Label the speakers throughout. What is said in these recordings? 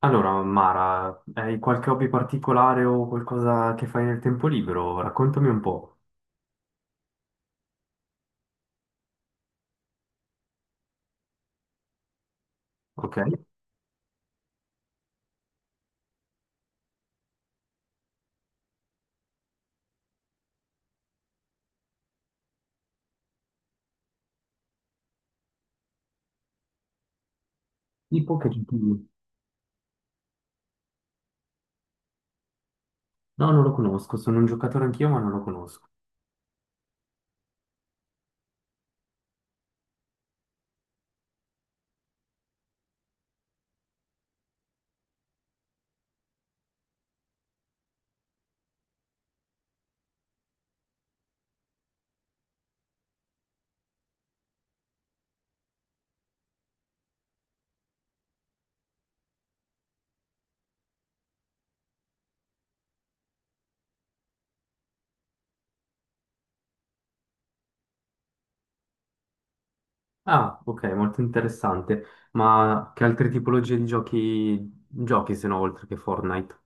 Speaker 1: Allora, Mara, hai qualche hobby particolare o qualcosa che fai nel tempo libero? Raccontami un po', ok? Tipo che giochi- No, non lo conosco, sono un giocatore anch'io, ma non lo conosco. Ah, ok, molto interessante. Ma che altre tipologie di giochi giochi se no, oltre che Fortnite?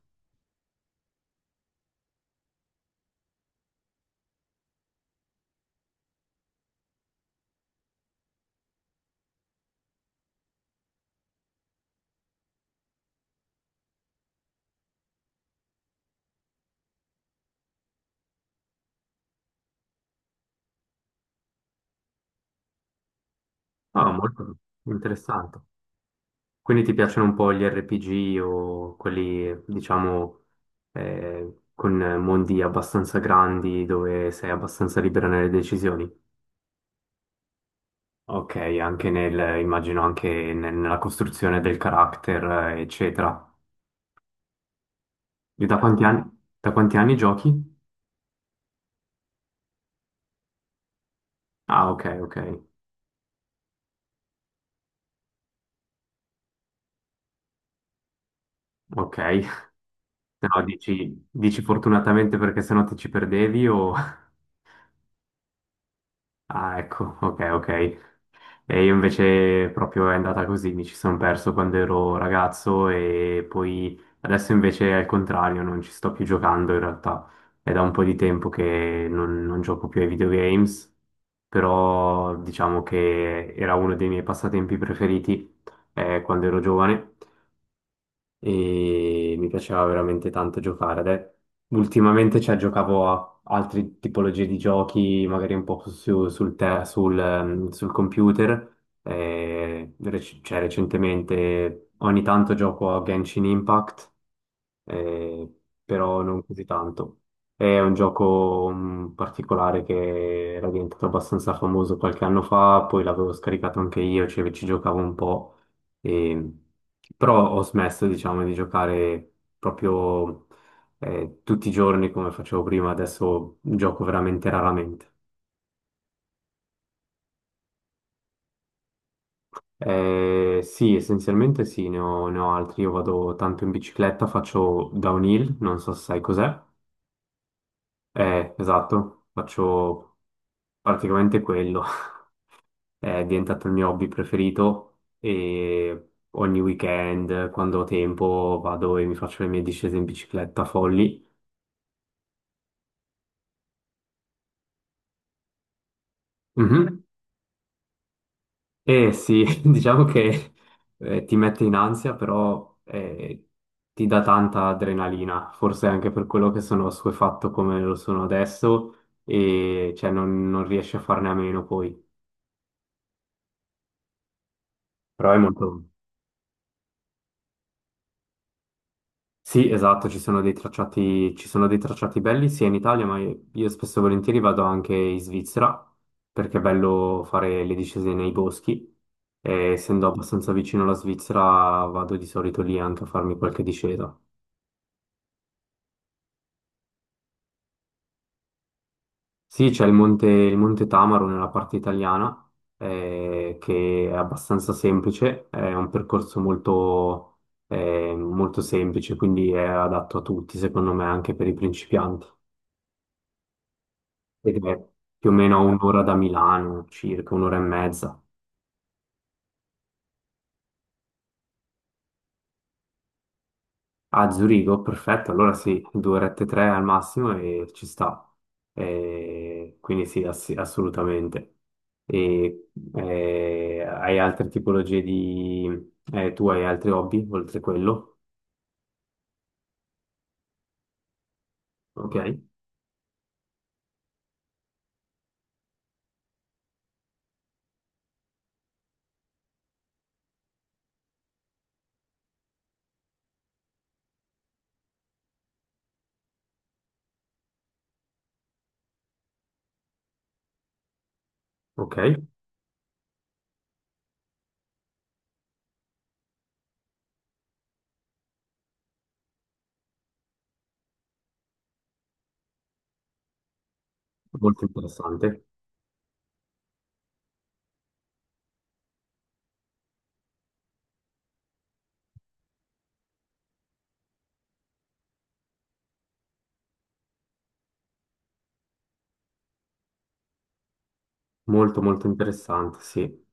Speaker 1: Ah, molto interessante. Quindi ti piacciono un po' gli RPG o quelli, diciamo, con mondi abbastanza grandi dove sei abbastanza libera nelle decisioni? Ok, anche nel, immagino anche nella costruzione del carattere, eccetera. E da quanti anni giochi? Ah, ok, ok, ok. Se no dici fortunatamente perché sennò ti ci perdevi o... Ah, ecco, ok, ok. E io invece proprio è andata così, mi ci sono perso quando ero ragazzo e poi adesso invece è il contrario, non ci sto più giocando in realtà. È da un po' di tempo che non gioco più ai videogames, però diciamo che era uno dei miei passatempi preferiti quando ero giovane e mi piaceva veramente tanto giocare. Ultimamente cioè, giocavo a altre tipologie di giochi, magari un po' sul computer. E cioè, recentemente ogni tanto gioco a Genshin Impact, eh, però non così tanto. È un gioco particolare che era diventato abbastanza famoso qualche anno fa, poi l'avevo scaricato anche io, cioè ci giocavo un po', e- però ho smesso, diciamo, di giocare proprio, tutti i giorni come facevo prima, adesso gioco veramente raramente. Sì, essenzialmente sì, ne ho altri. Io vado tanto in bicicletta, faccio downhill, non so se sai cos'è. Esatto, faccio. Praticamente quello è diventato il mio hobby preferito e ogni weekend, quando ho tempo, vado e mi faccio le mie discese in bicicletta folli. Mhm. E sì, diciamo che ti mette in ansia, però ti dà tanta adrenalina, forse anche per quello che sono assuefatto come lo sono adesso e cioè, non riesci a farne a meno poi. Però è molto... Sì, esatto, ci sono dei tracciati belli sia in Italia, ma io spesso e volentieri vado anche in Svizzera, perché è bello fare le discese nei boschi. E essendo abbastanza vicino alla Svizzera, vado di solito lì anche a farmi qualche discesa. Sì, c'è il Monte Tamaro nella parte italiana, che è abbastanza semplice, è un percorso molto, molto semplice, quindi è adatto a tutti, secondo me, anche per i principianti. Ed è più o meno a un'ora da Milano, circa un'ora e mezza. A Zurigo, perfetto, allora sì, due orette e tre al massimo e ci sta. Quindi sì, assolutamente. E, hai altre tipologie di... Tu hai altri hobby oltre quello? Ok, ok, molto interessante, molto molto interessante, sì.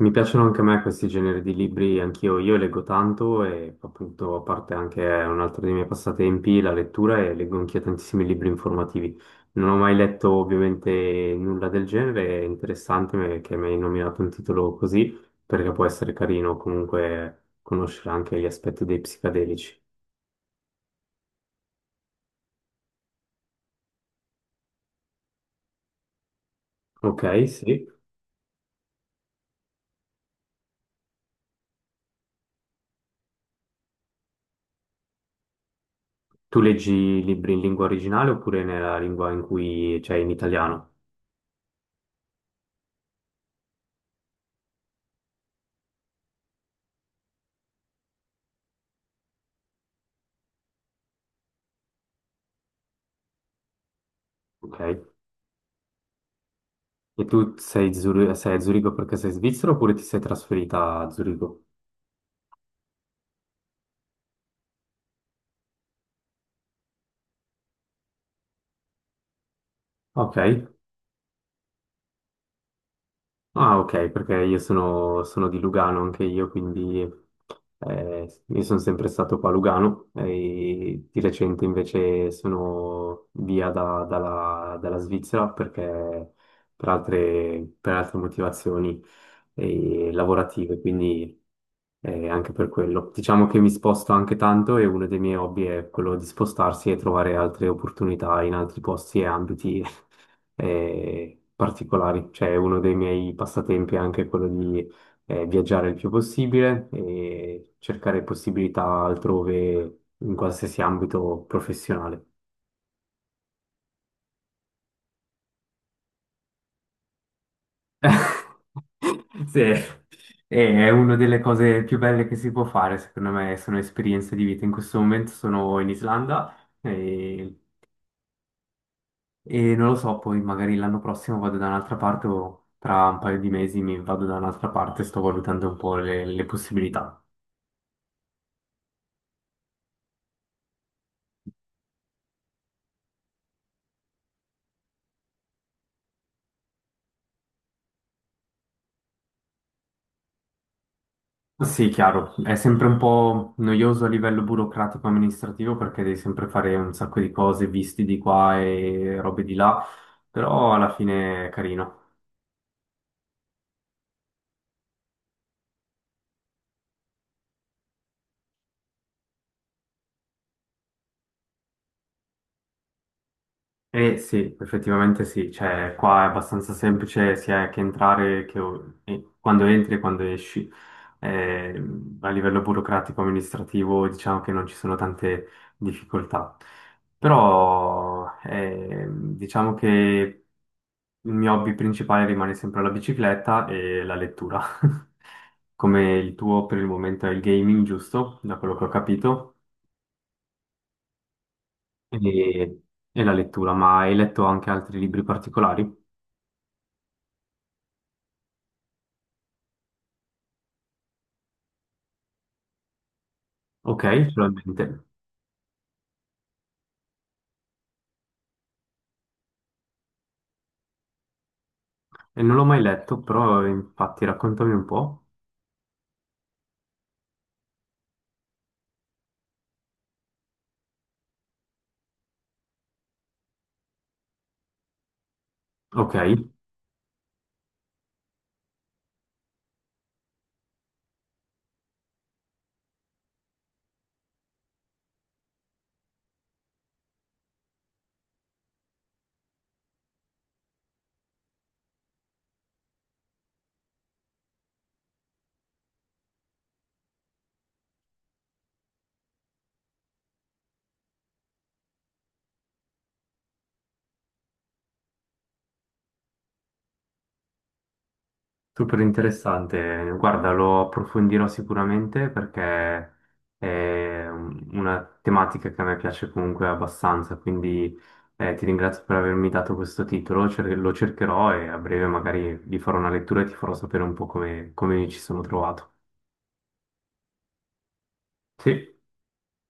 Speaker 1: Mi piacciono anche a me questi generi di libri, anch'io io leggo tanto e appunto a parte anche un altro dei miei passatempi, la lettura e leggo anch'io tantissimi libri informativi. Non ho mai letto ovviamente nulla del genere, è interessante che mi hai nominato un titolo così perché può essere carino comunque conoscere anche gli aspetti dei psicadelici. Ok, sì. Tu leggi libri in lingua originale oppure nella lingua in cui c'è in italiano? Ok. E tu sei, sei a Zurigo perché sei svizzero oppure ti sei trasferita a Zurigo? Ok. Ah, ok, perché io sono di Lugano anche io, quindi io sono sempre stato qua a Lugano e di recente invece sono via dalla Svizzera perché per altre motivazioni lavorative, quindi anche per quello. Diciamo che mi sposto anche tanto e uno dei miei hobby è quello di spostarsi e trovare altre opportunità in altri posti e ambiti particolari. Cioè, uno dei miei passatempi è anche quello di viaggiare il più possibile e cercare possibilità altrove in qualsiasi ambito professionale. Sì, è una delle cose più belle che si può fare, secondo me, sono esperienze di vita. In questo momento sono in Islanda e, e non lo so, poi magari l'anno prossimo vado da un'altra parte o tra un paio di mesi mi vado da un'altra parte, sto valutando un po' le possibilità. Sì, chiaro, è sempre un po' noioso a livello burocratico amministrativo perché devi sempre fare un sacco di cose, visti di qua e robe di là, però alla fine è carino. E sì, effettivamente sì, cioè qua è abbastanza semplice sia che entrare che e quando entri e quando esci. Eh, a livello burocratico amministrativo diciamo che non ci sono tante difficoltà, però diciamo che il mio hobby principale rimane sempre la bicicletta e la lettura. Come il tuo per il momento è il gaming, giusto? Da quello che ho capito. E, e, la lettura, ma hai letto anche altri libri particolari? Ok, solamente. E non l'ho mai letto, però infatti raccontami un po'. Ok. Super interessante, guarda, lo approfondirò sicuramente perché è una tematica che a me piace comunque abbastanza, quindi ti ringrazio per avermi dato questo titolo, lo cercherò e a breve magari vi farò una lettura e ti farò sapere un po' come mi ci sono trovato. Sì.